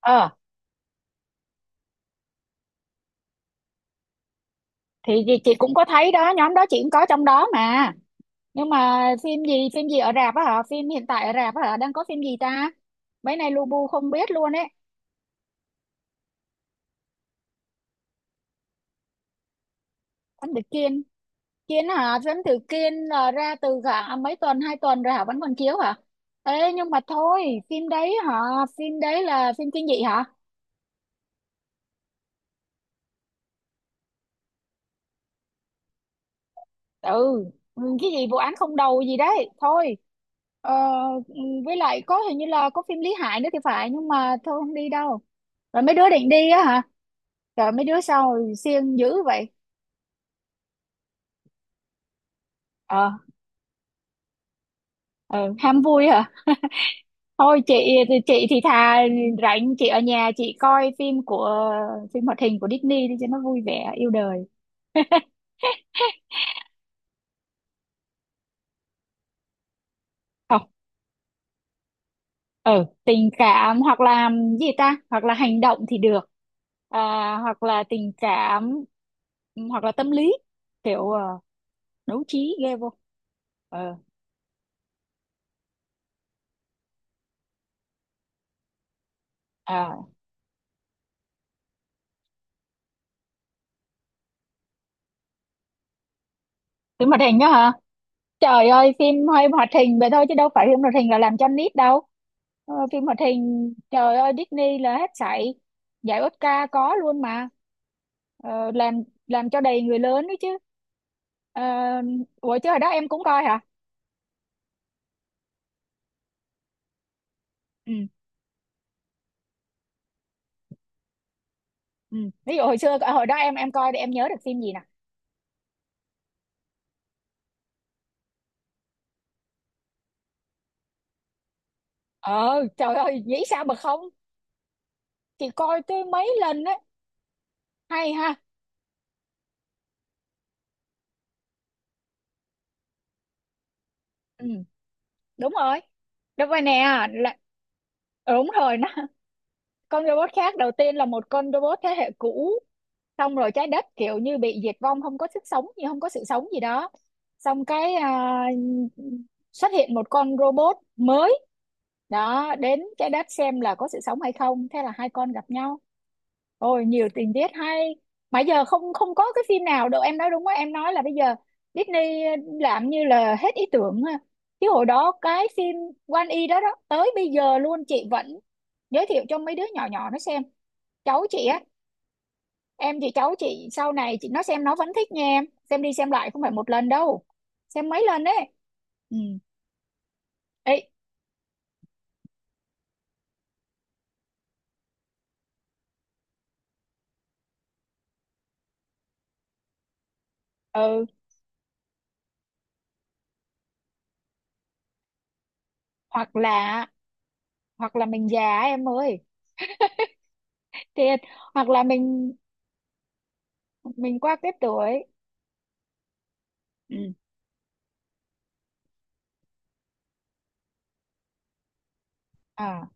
ờ thì chị cũng có thấy đó nhóm đó chị cũng có trong đó mà. Nhưng mà phim gì ở rạp á hả? Phim hiện tại ở rạp á hả, đang có phim gì ta? Mấy này lu bu không biết luôn ấy. Anh từ Kiên, Kiên hả? Phim từ Kiên là ra từ cả mấy tuần, 2 tuần rồi hả, vẫn còn chiếu hả? Ê nhưng mà thôi. Phim đấy hả? Phim đấy là phim kinh dị hả? Ừ. Ừ, cái gì vụ án không đầu gì đấy thôi. ờ, ừ, với lại có hình như là có phim Lý Hải nữa thì phải, nhưng mà thôi không đi đâu. Rồi mấy đứa định đi á hả? Rồi mấy đứa sao, siêng dữ vậy? Ờ, ờ, ham vui hả? Thôi chị. Chị thì thà rảnh chị ở nhà chị coi phim hoạt hình của Disney đi cho nó vui vẻ yêu đời. Không, ờ, tình cảm hoặc là gì ta? Hoặc là hành động thì được. À, hoặc là tình cảm hoặc là tâm lý kiểu đấu trí ghê vô. Ờ, à, phim hoạt hình đó hả? Trời ơi, phim hơi hoạt hình vậy thôi chứ đâu phải phim hoạt hình là làm cho nít đâu. Phim hoạt hình, trời ơi, Disney là hết sảy. Giải Oscar có luôn mà. Làm cho đầy người lớn đấy chứ. Ờ, ủa chứ hồi đó em cũng coi hả? Ừ, ừ. Ví dụ hồi xưa, hồi đó em coi thì em nhớ được phim gì nè? Ờ, trời ơi, nghĩ sao mà không? Chị coi tới mấy lần đấy. Hay ha. Ừ, đúng rồi. Đúng rồi nè. Là, đúng rồi, nó con robot khác đầu tiên là một con robot thế hệ cũ, xong rồi trái đất kiểu như bị diệt vong, không có sức sống gì, không có sự sống gì đó. Xong cái xuất hiện một con robot mới đó đến trái đất xem là có sự sống hay không, thế là hai con gặp nhau. Ôi nhiều tình tiết hay, mà giờ không không có cái phim nào đâu. Em nói đúng quá, em nói là bây giờ Disney làm như là hết ý tưởng ha. Chứ hồi đó cái phim One E đó đó tới bây giờ luôn chị vẫn giới thiệu cho mấy đứa nhỏ nhỏ nó xem cháu chị á. Em thì cháu chị sau này chị nó xem nó vẫn thích nha em, xem đi xem lại không phải một lần đâu, xem mấy lần đấy. Ừ, ấy, ừ, hoặc là hoặc là mình già á em ơi. Thiệt. Hoặc là mình qua cái tuổi. Ừ. À,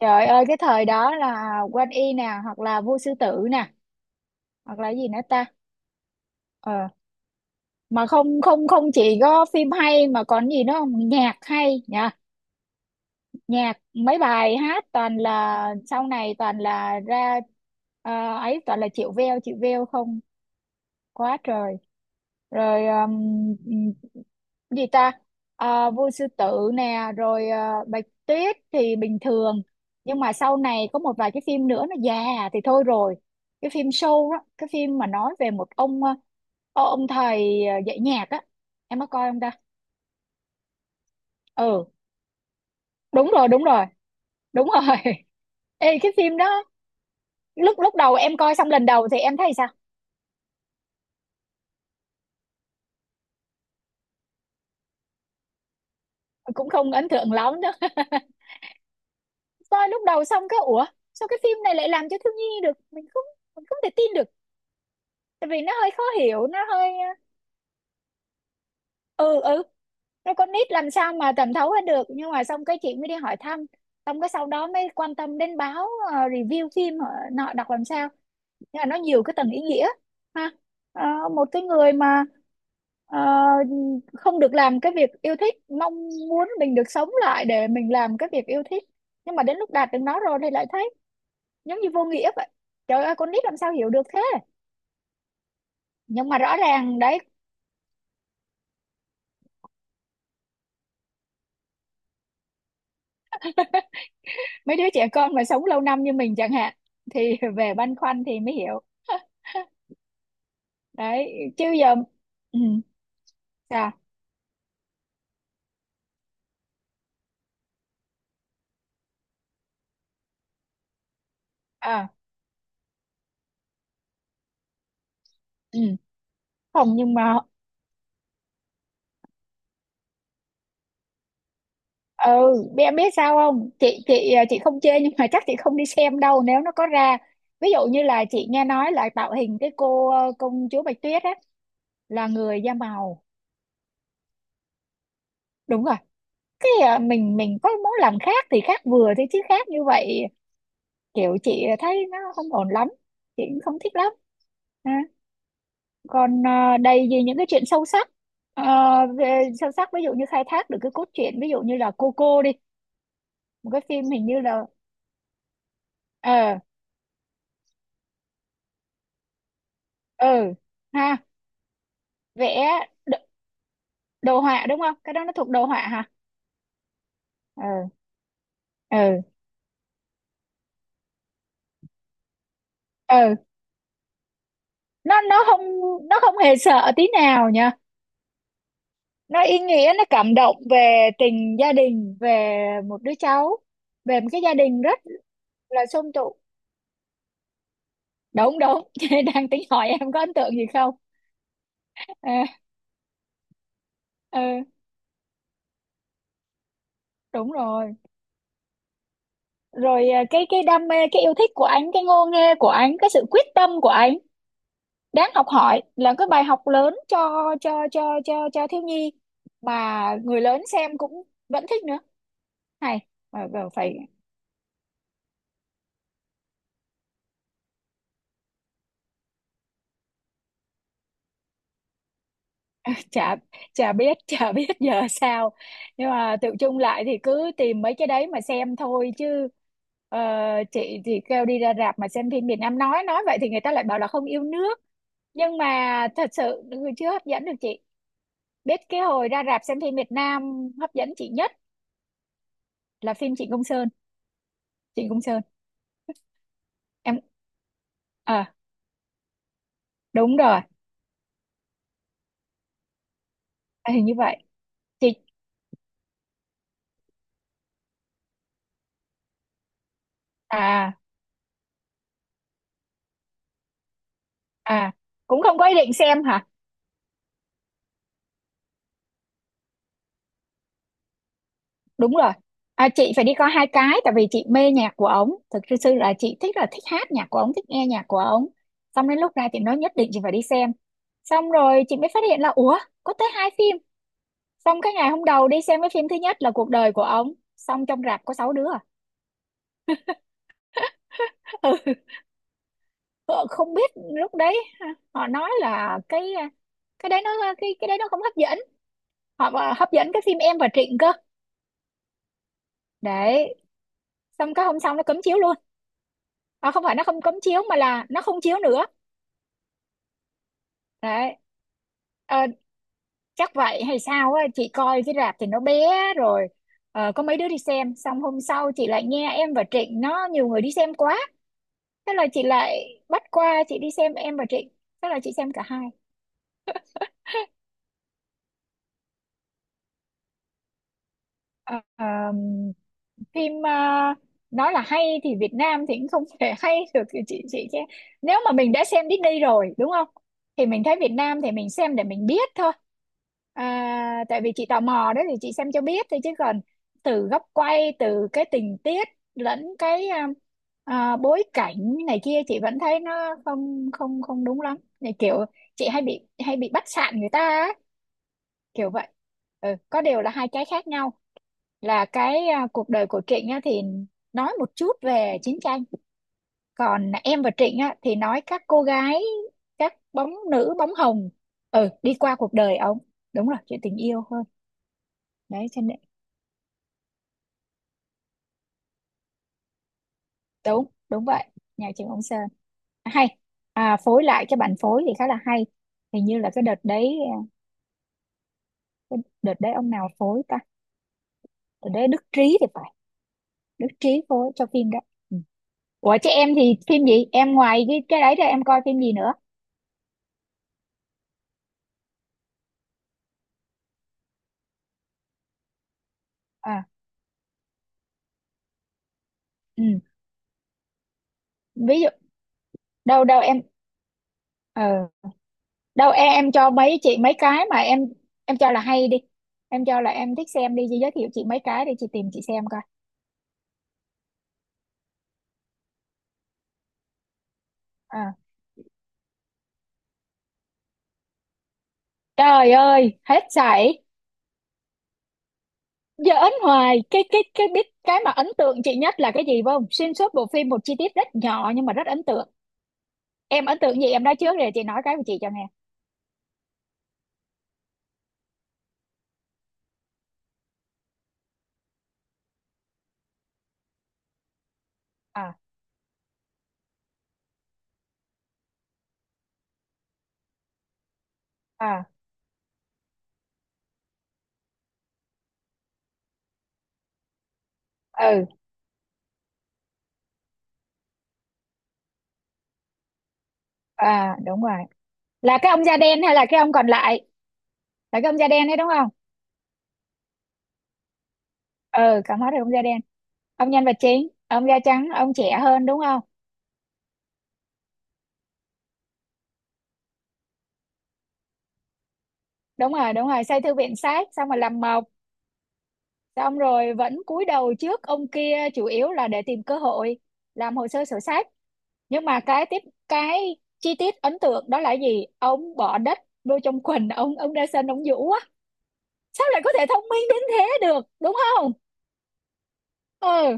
trời ơi, cái thời đó là Quan Y nè, hoặc là Vua Sư Tử nè, hoặc là gì nữa ta. ờ mà không không không chỉ có phim hay mà còn gì nữa không, nhạc hay nhỉ. Nhạc mấy bài hát toàn là sau này toàn là ra ờ, ấy toàn là chịu veo không, quá trời. Rồi cái gì ta? Vua sư tử nè, rồi bạch tuyết thì bình thường, nhưng mà sau này có một vài cái phim nữa nó già thì thôi rồi. Cái phim show đó, cái phim mà nói về một ông ông thầy dạy nhạc á, em có coi không ta? Ừ, đúng rồi, đúng rồi, đúng rồi. Ê, cái phim đó lúc lúc đầu em coi xong lần đầu thì em thấy sao, cũng không ấn tượng lắm đâu. Coi lúc đầu xong cái ủa, sao cái phim này lại làm cho thiếu nhi được, mình không thể tin được, tại vì nó hơi khó hiểu nó hơi ờ, ừ ừ nó con nít làm sao mà thẩm thấu hết được. Nhưng mà xong cái chị mới đi hỏi thăm, xong cái sau đó mới quan tâm đến báo review phim họ nọ đọc làm sao. Nghĩa là nó nhiều cái tầng ý nghĩa ha. Ờ, một cái người mà ờ, không được làm cái việc yêu thích, mong muốn mình được sống lại để mình làm cái việc yêu thích, nhưng mà đến lúc đạt được nó rồi thì lại thấy giống như vô nghĩa vậy. Trời ơi, con nít làm sao hiểu được thế, nhưng mà rõ ràng đấy, mấy đứa trẻ con mà sống lâu năm như mình chẳng hạn thì về băn khoăn thì mới hiểu. Đấy. Chứ giờ ừ, sao, à ừ, không nhưng mà ừ biết em biết sao không. Chị không chê nhưng mà chắc chị không đi xem đâu nếu nó có ra. Ví dụ như là chị nghe nói là tạo hình cái cô công chúa Bạch Tuyết á là người da màu. Đúng rồi, cái mình có muốn làm khác thì khác vừa thôi chứ khác như vậy, kiểu chị thấy nó không ổn lắm, chị cũng không thích lắm ha. Còn đầy gì những cái chuyện sâu sắc. Ờ, về sâu sắc ví dụ như khai thác được cái cốt truyện, ví dụ như là Coco đi, một cái phim hình như là ờ ừ ha vẽ, đồ họa đúng không, cái đó nó thuộc đồ họa hả? Ừ. Ừ. Ừ, nó không, nó không hề sợ tí nào nha, nó ý nghĩa, nó cảm động về tình gia đình, về một đứa cháu, về một cái gia đình rất là sum tụ. Đúng đúng. Chị đang tính hỏi em có ấn tượng gì không. à, ừ đúng rồi, rồi cái đam mê, cái yêu thích của anh, cái ngô nghê của anh, cái sự quyết tâm của anh đáng học hỏi, là cái bài học lớn cho thiếu nhi, mà người lớn xem cũng vẫn thích nữa. Hay. Mà còn phải. Chả, chả biết giờ sao, nhưng mà tự chung lại thì cứ tìm mấy cái đấy mà xem thôi chứ. ờ, chị thì kêu đi ra rạp mà xem phim Việt Nam, nói vậy thì người ta lại bảo là không yêu nước, nhưng mà thật sự chưa hấp dẫn được chị. Biết cái hồi ra rạp xem phim Việt Nam hấp dẫn chị nhất là phim Trịnh Công Sơn, Trịnh Công Sơn. Em à, đúng rồi, hình như vậy, chị, à à cũng không có ý định xem hả? Đúng rồi. Chị phải đi coi hai cái tại vì chị mê nhạc của ổng, thực sự là chị thích, là thích hát nhạc của ổng, thích nghe nhạc của ổng. Xong đến lúc ra chị nói nhất định chị phải đi xem, xong rồi chị mới phát hiện là ủa, có tới hai phim. Xong cái ngày hôm đầu đi xem cái phim thứ nhất là cuộc đời của ổng, xong trong rạp có sáu đứa à. Ừ. Ờ, không biết lúc đấy ha, họ nói là cái đấy nó cái đấy nó không hấp dẫn, họ bảo hấp dẫn cái phim em và Trịnh cơ. Đấy xong cái hôm sau nó cấm chiếu luôn, không phải nó không cấm chiếu mà là nó không chiếu nữa. Đấy. Ờ, chắc vậy hay sao á, chị coi cái rạp thì nó bé, rồi có mấy đứa đi xem, xong hôm sau chị lại nghe em và Trịnh nó nhiều người đi xem quá, thế là chị lại bắt qua chị đi xem em và Trịnh, thế là chị xem cả hai. Ờ, phim nói là hay thì Việt Nam thì cũng không thể hay được thì chị chứ. Nếu mà mình đã xem Disney rồi đúng không, thì mình thấy Việt Nam thì mình xem để mình biết thôi. Tại vì chị tò mò đó thì chị xem cho biết thôi chứ còn từ góc quay, từ cái tình tiết, lẫn cái bối cảnh này kia chị vẫn thấy nó không không không đúng lắm. Này kiểu chị hay bị bắt sạn người ta á, kiểu vậy. Ừ, có điều là hai cái khác nhau, là cái cuộc đời của Trịnh á, thì nói một chút về chiến tranh, còn em và Trịnh á, thì nói các cô gái, các bóng nữ bóng hồng. Ừ đi qua cuộc đời ông, đúng rồi, chuyện tình yêu hơn. Đấy cho nên đúng đúng vậy. Nhà trường ông Sơn hay, phối lại cho bản phối thì khá là hay. Hình như là cái đợt đấy, à, cái đợt đấy ông nào phối ta, đợt đấy Đức Trí thì phải. Đức Trí phối cho phim đấy. Ừ. Ủa chứ em thì phim gì em ngoài cái đấy ra em coi phim gì nữa? À, ừ. Ví dụ. Đâu đâu em. ờ Đâu em cho mấy chị mấy cái mà em cho là hay đi, em cho là em thích xem đi, chị giới thiệu chị mấy cái để chị tìm chị xem coi. À, trời ơi hết sảy! Giỡn hoài! Cái biết cái mà ấn tượng chị nhất là cái gì, phải không? Xuyên suốt bộ phim một chi tiết rất nhỏ nhưng mà rất ấn tượng. Em ấn tượng gì, em nói trước rồi chị nói cái của chị cho nghe. À. À. Ừ. À đúng rồi, là cái ông da đen hay là cái ông còn lại? Là cái ông da đen đấy đúng không? Ừ, cắm hết rồi ông da đen. Ông nhân vật chính ông da trắng ông trẻ hơn đúng không? Đúng rồi, đúng rồi, xây thư viện sát xong rồi làm mộc, xong rồi vẫn cúi đầu trước ông kia chủ yếu là để tìm cơ hội làm hồ sơ sổ sách. Nhưng mà cái tiếp, cái chi tiết ấn tượng đó là gì, ông bỏ đất vô trong quần, ông ra sân ông vũ á. Sao lại có thể thông minh đến thế được đúng không? Ừ,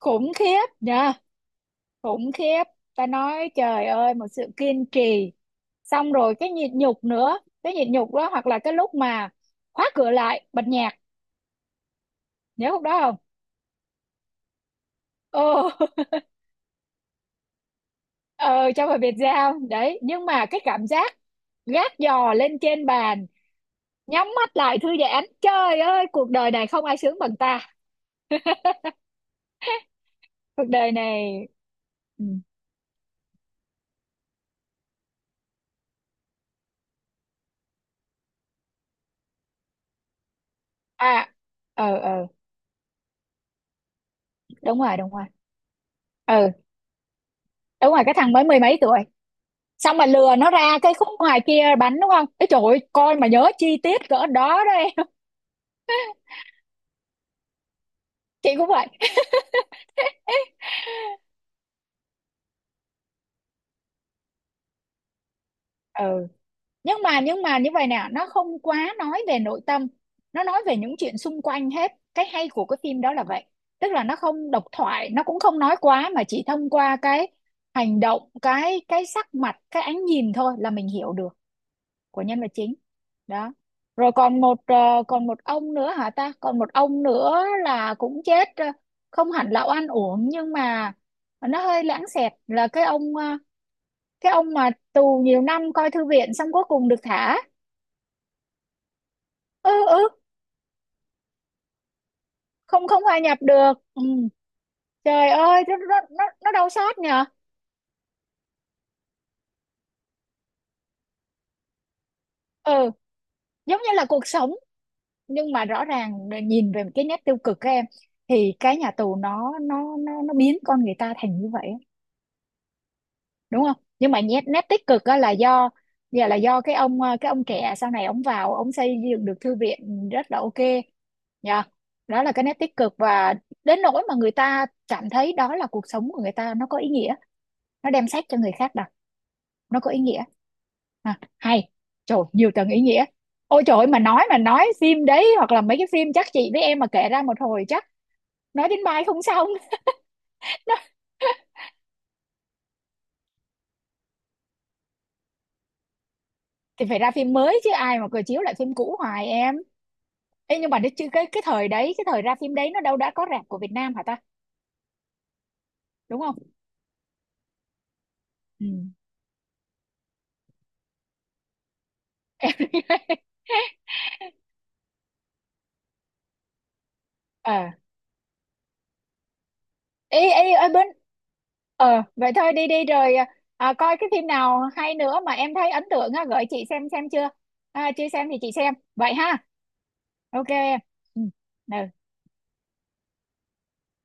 khủng khiếp nha. Khủng khiếp. Ta nói trời ơi, một sự kiên trì, xong rồi cái nhịn nhục nữa. Cái nhịn nhục đó, hoặc là cái lúc mà khóa cửa lại bật nhạc, nhớ lúc đó không? Ờ. Ờ, cho vào Việt Giao đấy, nhưng mà cái cảm giác gác giò lên trên bàn, nhắm mắt lại thư giãn, trời ơi cuộc đời này không ai sướng bằng ta. Cuộc đời này. Ừ. À. Ờ ờ, đúng rồi, đúng rồi. Ừ, đúng rồi, cái thằng mới mười mấy tuổi, xong mà lừa nó ra cái khúc ngoài kia bánh đúng không? Ê trời ơi, coi mà nhớ chi tiết cỡ đó đó em. Chị cũng vậy. Ừ, nhưng mà như vậy nè, nó không quá nói về nội tâm, nó nói về những chuyện xung quanh, hết cái hay của cái phim đó là vậy. Tức là nó không độc thoại, nó cũng không nói quá, mà chỉ thông qua cái hành động, cái sắc mặt, cái ánh nhìn thôi là mình hiểu được của nhân vật chính. Đó, rồi còn một còn một ông nữa hả ta, còn một ông nữa là cũng chết, không hẳn là oan uổng nhưng mà nó hơi lãng xẹt, là cái ông cái ông mà tù nhiều năm coi thư viện xong cuối cùng được thả. Ừ ừ, không không hòa nhập được, ừ. Trời ơi, nó đau xót nhờ. Ừ, giống như là cuộc sống. Nhưng mà rõ ràng nhìn về cái nét tiêu cực các em, thì cái nhà tù nó biến con người ta thành như vậy, đúng không? Nhưng mà nét nét tích cực á là do, dạ là do cái ông cái ông trẻ sau này ông vào ông xây dựng được thư viện rất là ok. Dạ. Đó là cái nét tích cực, và đến nỗi mà người ta cảm thấy đó là cuộc sống của người ta, nó có ý nghĩa, nó đem sách cho người khác đọc, nó có ý nghĩa. À, hay. Trời ơi, nhiều tầng ý nghĩa. Ôi trời ơi, mà nói phim đấy hoặc là mấy cái phim, chắc chị với em mà kể ra một hồi chắc nói đến mai không xong. Thì phải ra phim mới chứ, ai mà cười chiếu lại phim cũ hoài em. Ê, nhưng mà cái thời đấy, cái thời ra phim đấy nó đâu đã có rạp của Việt Nam hả ta, đúng không? Ừ. Ờ, ê ê ơi bên. Ờ vậy thôi, đi đi rồi. À, coi cái phim nào hay nữa mà em thấy ấn tượng á gửi chị xem chưa? À, chưa xem thì chị xem vậy ha. Ok em. Ừ. Ừ.